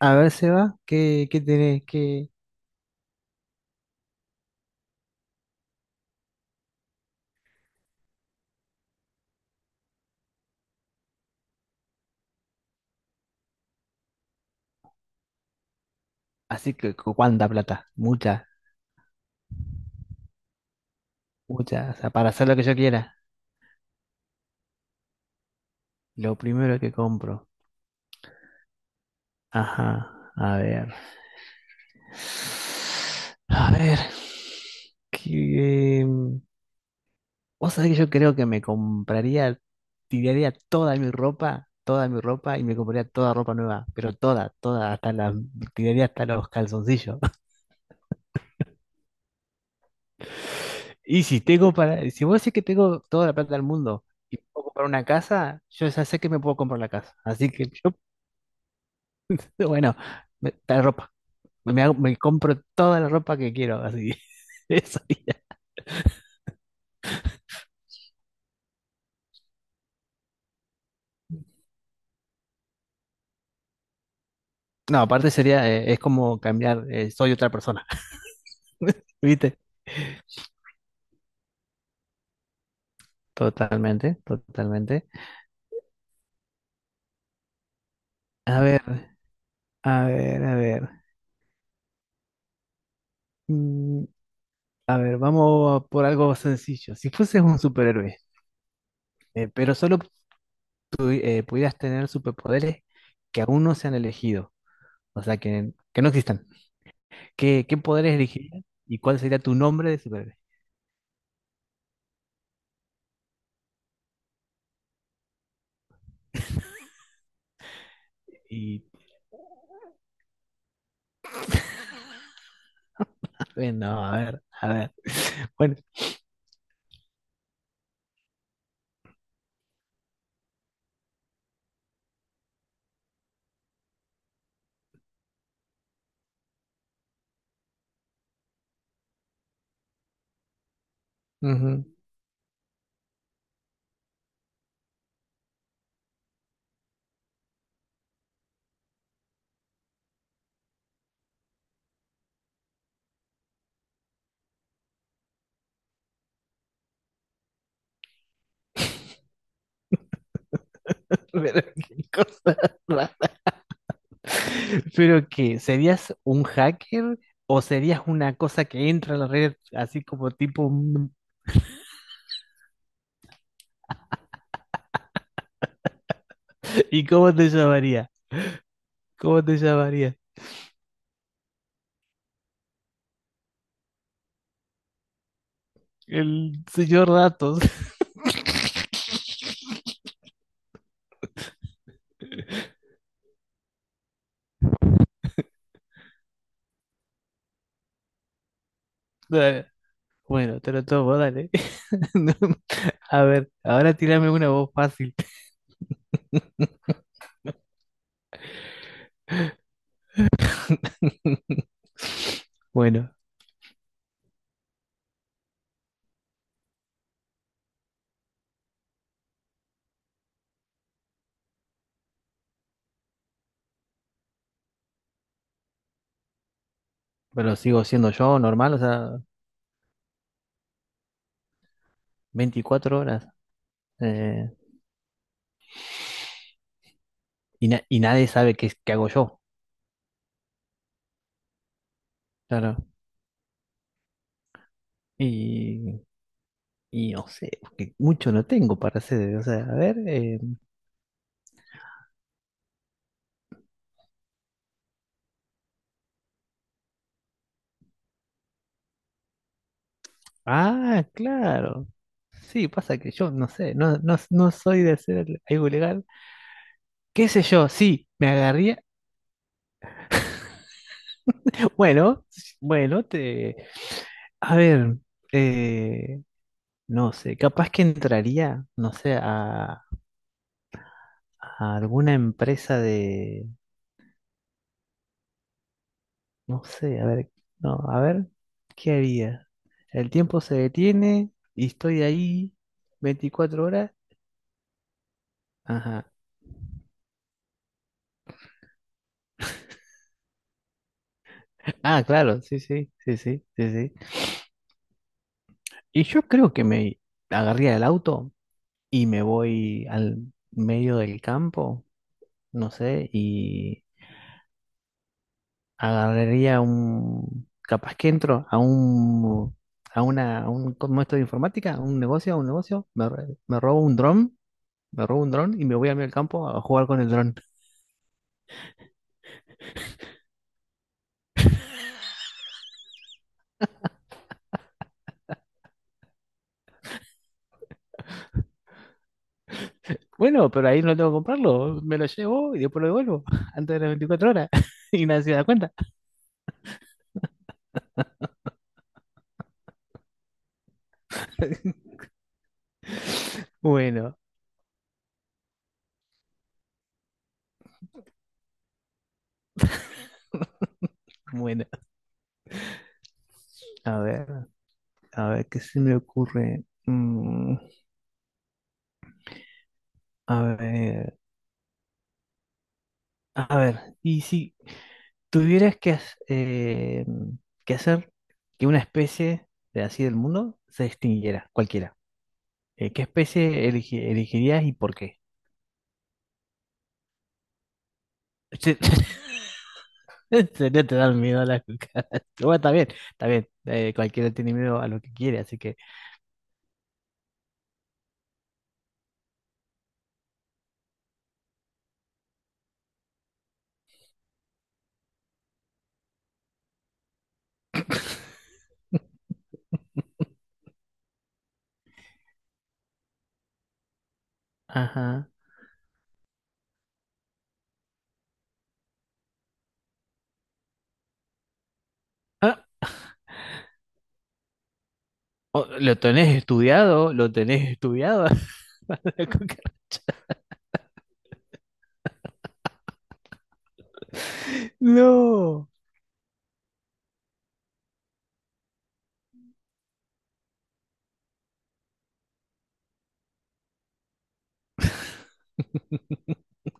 A ver, Seba, ¿qué tenés? ¿Qué? Así que, ¿cuánta plata? Mucha, mucha. O sea, para hacer lo que yo quiera. Lo primero que compro. Ajá, a ver. A ver. Que, em, vos sabés que yo creo que me compraría, tiraría toda mi ropa y me compraría toda ropa nueva, pero toda, toda, tiraría hasta los calzoncillos. Y si vos decís que tengo toda la plata del mundo y puedo comprar una casa, yo ya sé que me puedo comprar la casa. Así que yo, bueno, la ropa. Me compro toda la ropa que quiero, así. Eso sería. No, aparte sería, es como cambiar, soy otra persona, ¿viste? Totalmente, totalmente. A ver, a ver, a ver. Mm, a ver, vamos por algo sencillo. Si fueses un superhéroe, pero solo pudieras tener superpoderes que aún no se han elegido, o sea, que no existan. ¿Qué poderes elegirías y cuál sería tu nombre de superhéroe? Y bueno, a ver, a ver. Bueno, ujú. Pero qué cosa rara. Pero que serías un hacker o serías una cosa que entra a la red así como tipo un- ¿Y cómo te llamaría? ¿Cómo te llamaría? El señor Datos. Dale. Bueno, te lo tomo, dale. No, a ver, ahora tírame una voz fácil. Bueno, pero sigo siendo yo normal, o sea, 24 horas. eh, y nadie sabe qué hago yo. Claro. Y, y no sé, porque mucho no tengo para hacer. O sea, a ver. Ah, claro. Sí, pasa que yo no sé, no, no, no soy de hacer algo ilegal. ¿Qué sé yo? Sí, me agarría. Bueno, bueno, te. A ver. eh, No sé, capaz que entraría, no sé, a alguna empresa de, no sé, a ver, no, a ver, ¿qué haría? El tiempo se detiene y estoy ahí 24 horas. Ajá. Ah, claro, sí, sí, sí, sí, sí, sí. Y yo creo que me agarría el auto y me voy al medio del campo, no sé, y agarraría un, capaz que entro a un, a una, a un, ¿cómo esto de informática? A un negocio, me robo un dron, me robo un dron y me voy a mí al campo a jugar con el dron. Bueno, pero ahí no tengo que comprarlo, me lo llevo y después lo devuelvo antes de las 24 horas y nadie se da cuenta. Bueno, bueno, a ver, a ver, ¿qué se me ocurre? A ver, a ver, y si, tuvieras eh, que hacer que una especie de así del mundo se extinguiera, cualquiera, ¿qué especie elegirías y por qué? Sí, en serio te dan miedo a las cucarachas. Bueno, está bien, está bien. Cualquiera tiene miedo a lo que quiere, así que. Ajá. Ah, ¿lo tenés estudiado? ¿Lo tenés estudiado? ¿La cucaracha? No.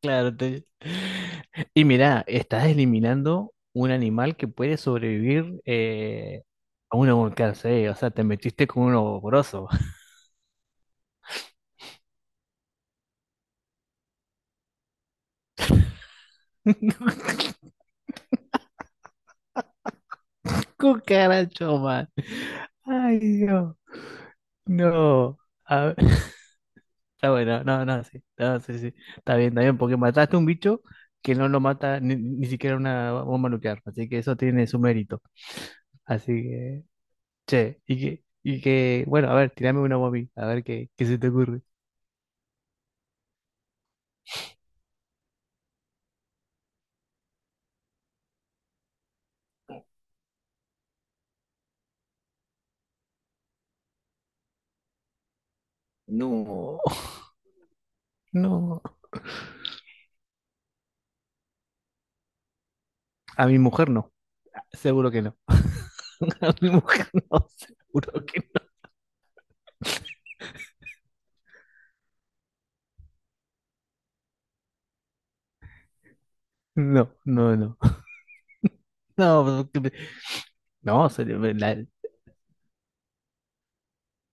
Claro, y mira, estás eliminando un animal que puede sobrevivir a una volcánsele, o sea, te metiste con un ogroso. Cucaracho, man. Ay, Dios. No. A ver, está bueno, no, no, sí. No, sí, sí. Está bien, porque mataste un bicho que no lo mata ni siquiera una bomba nuclear. Así que eso tiene su mérito. Así que, che, bueno, a ver, tirame una bomba, a mí, a ver qué, qué se te ocurre. No, no, a mi mujer no. Seguro que no. A mi mujer no, seguro que no. No, no, no. No, porque no,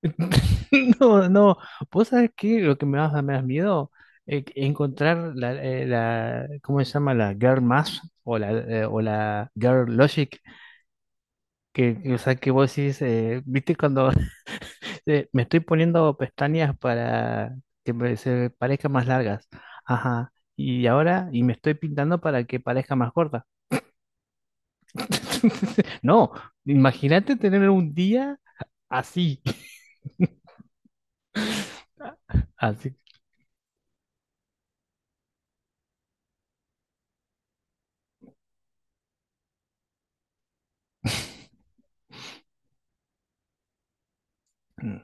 no, no. ¿Vos sabés qué? Lo que me vas a me das miedo encontrar ¿cómo se llama? La Girl Math o la Girl Logic. O sea, que vos decís, ¿viste cuando me estoy poniendo pestañas para que se parezcan más largas? Ajá. Y ahora, me estoy pintando para que parezca más corta. No, imagínate tener un día así. Así. Mm,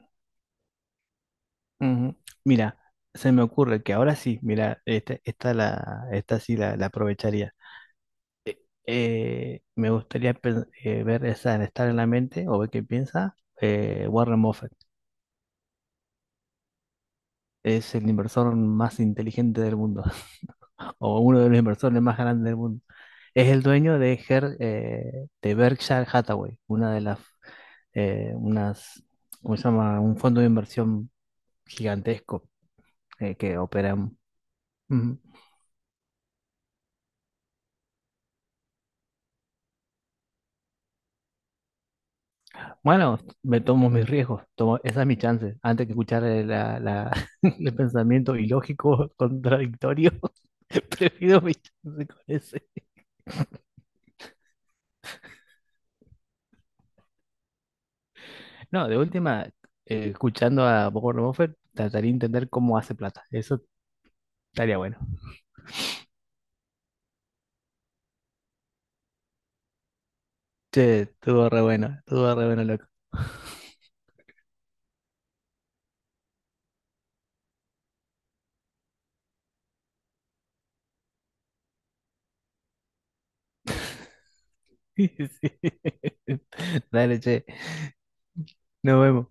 ujú. Mira, se me ocurre que ahora sí, mira, esta sí la aprovecharía. Me gustaría estar en la mente o ver qué piensa Warren Buffett. Es el inversor más inteligente del mundo, o uno de los inversores más grandes del mundo. Es el dueño de Berkshire Hathaway, una de unas, ¿cómo se llama? Un fondo de inversión gigantesco que opera. Ujú. Bueno, me tomo mis riesgos, esa es mi chance, antes que escuchar el pensamiento ilógico, contradictorio, prefiero mi chance con ese. No, de última, escuchando a Warren Buffett, trataría de entender cómo hace plata, eso estaría bueno. Che, estuvo re bueno, loco. Sí. Dale, che, nos vemos.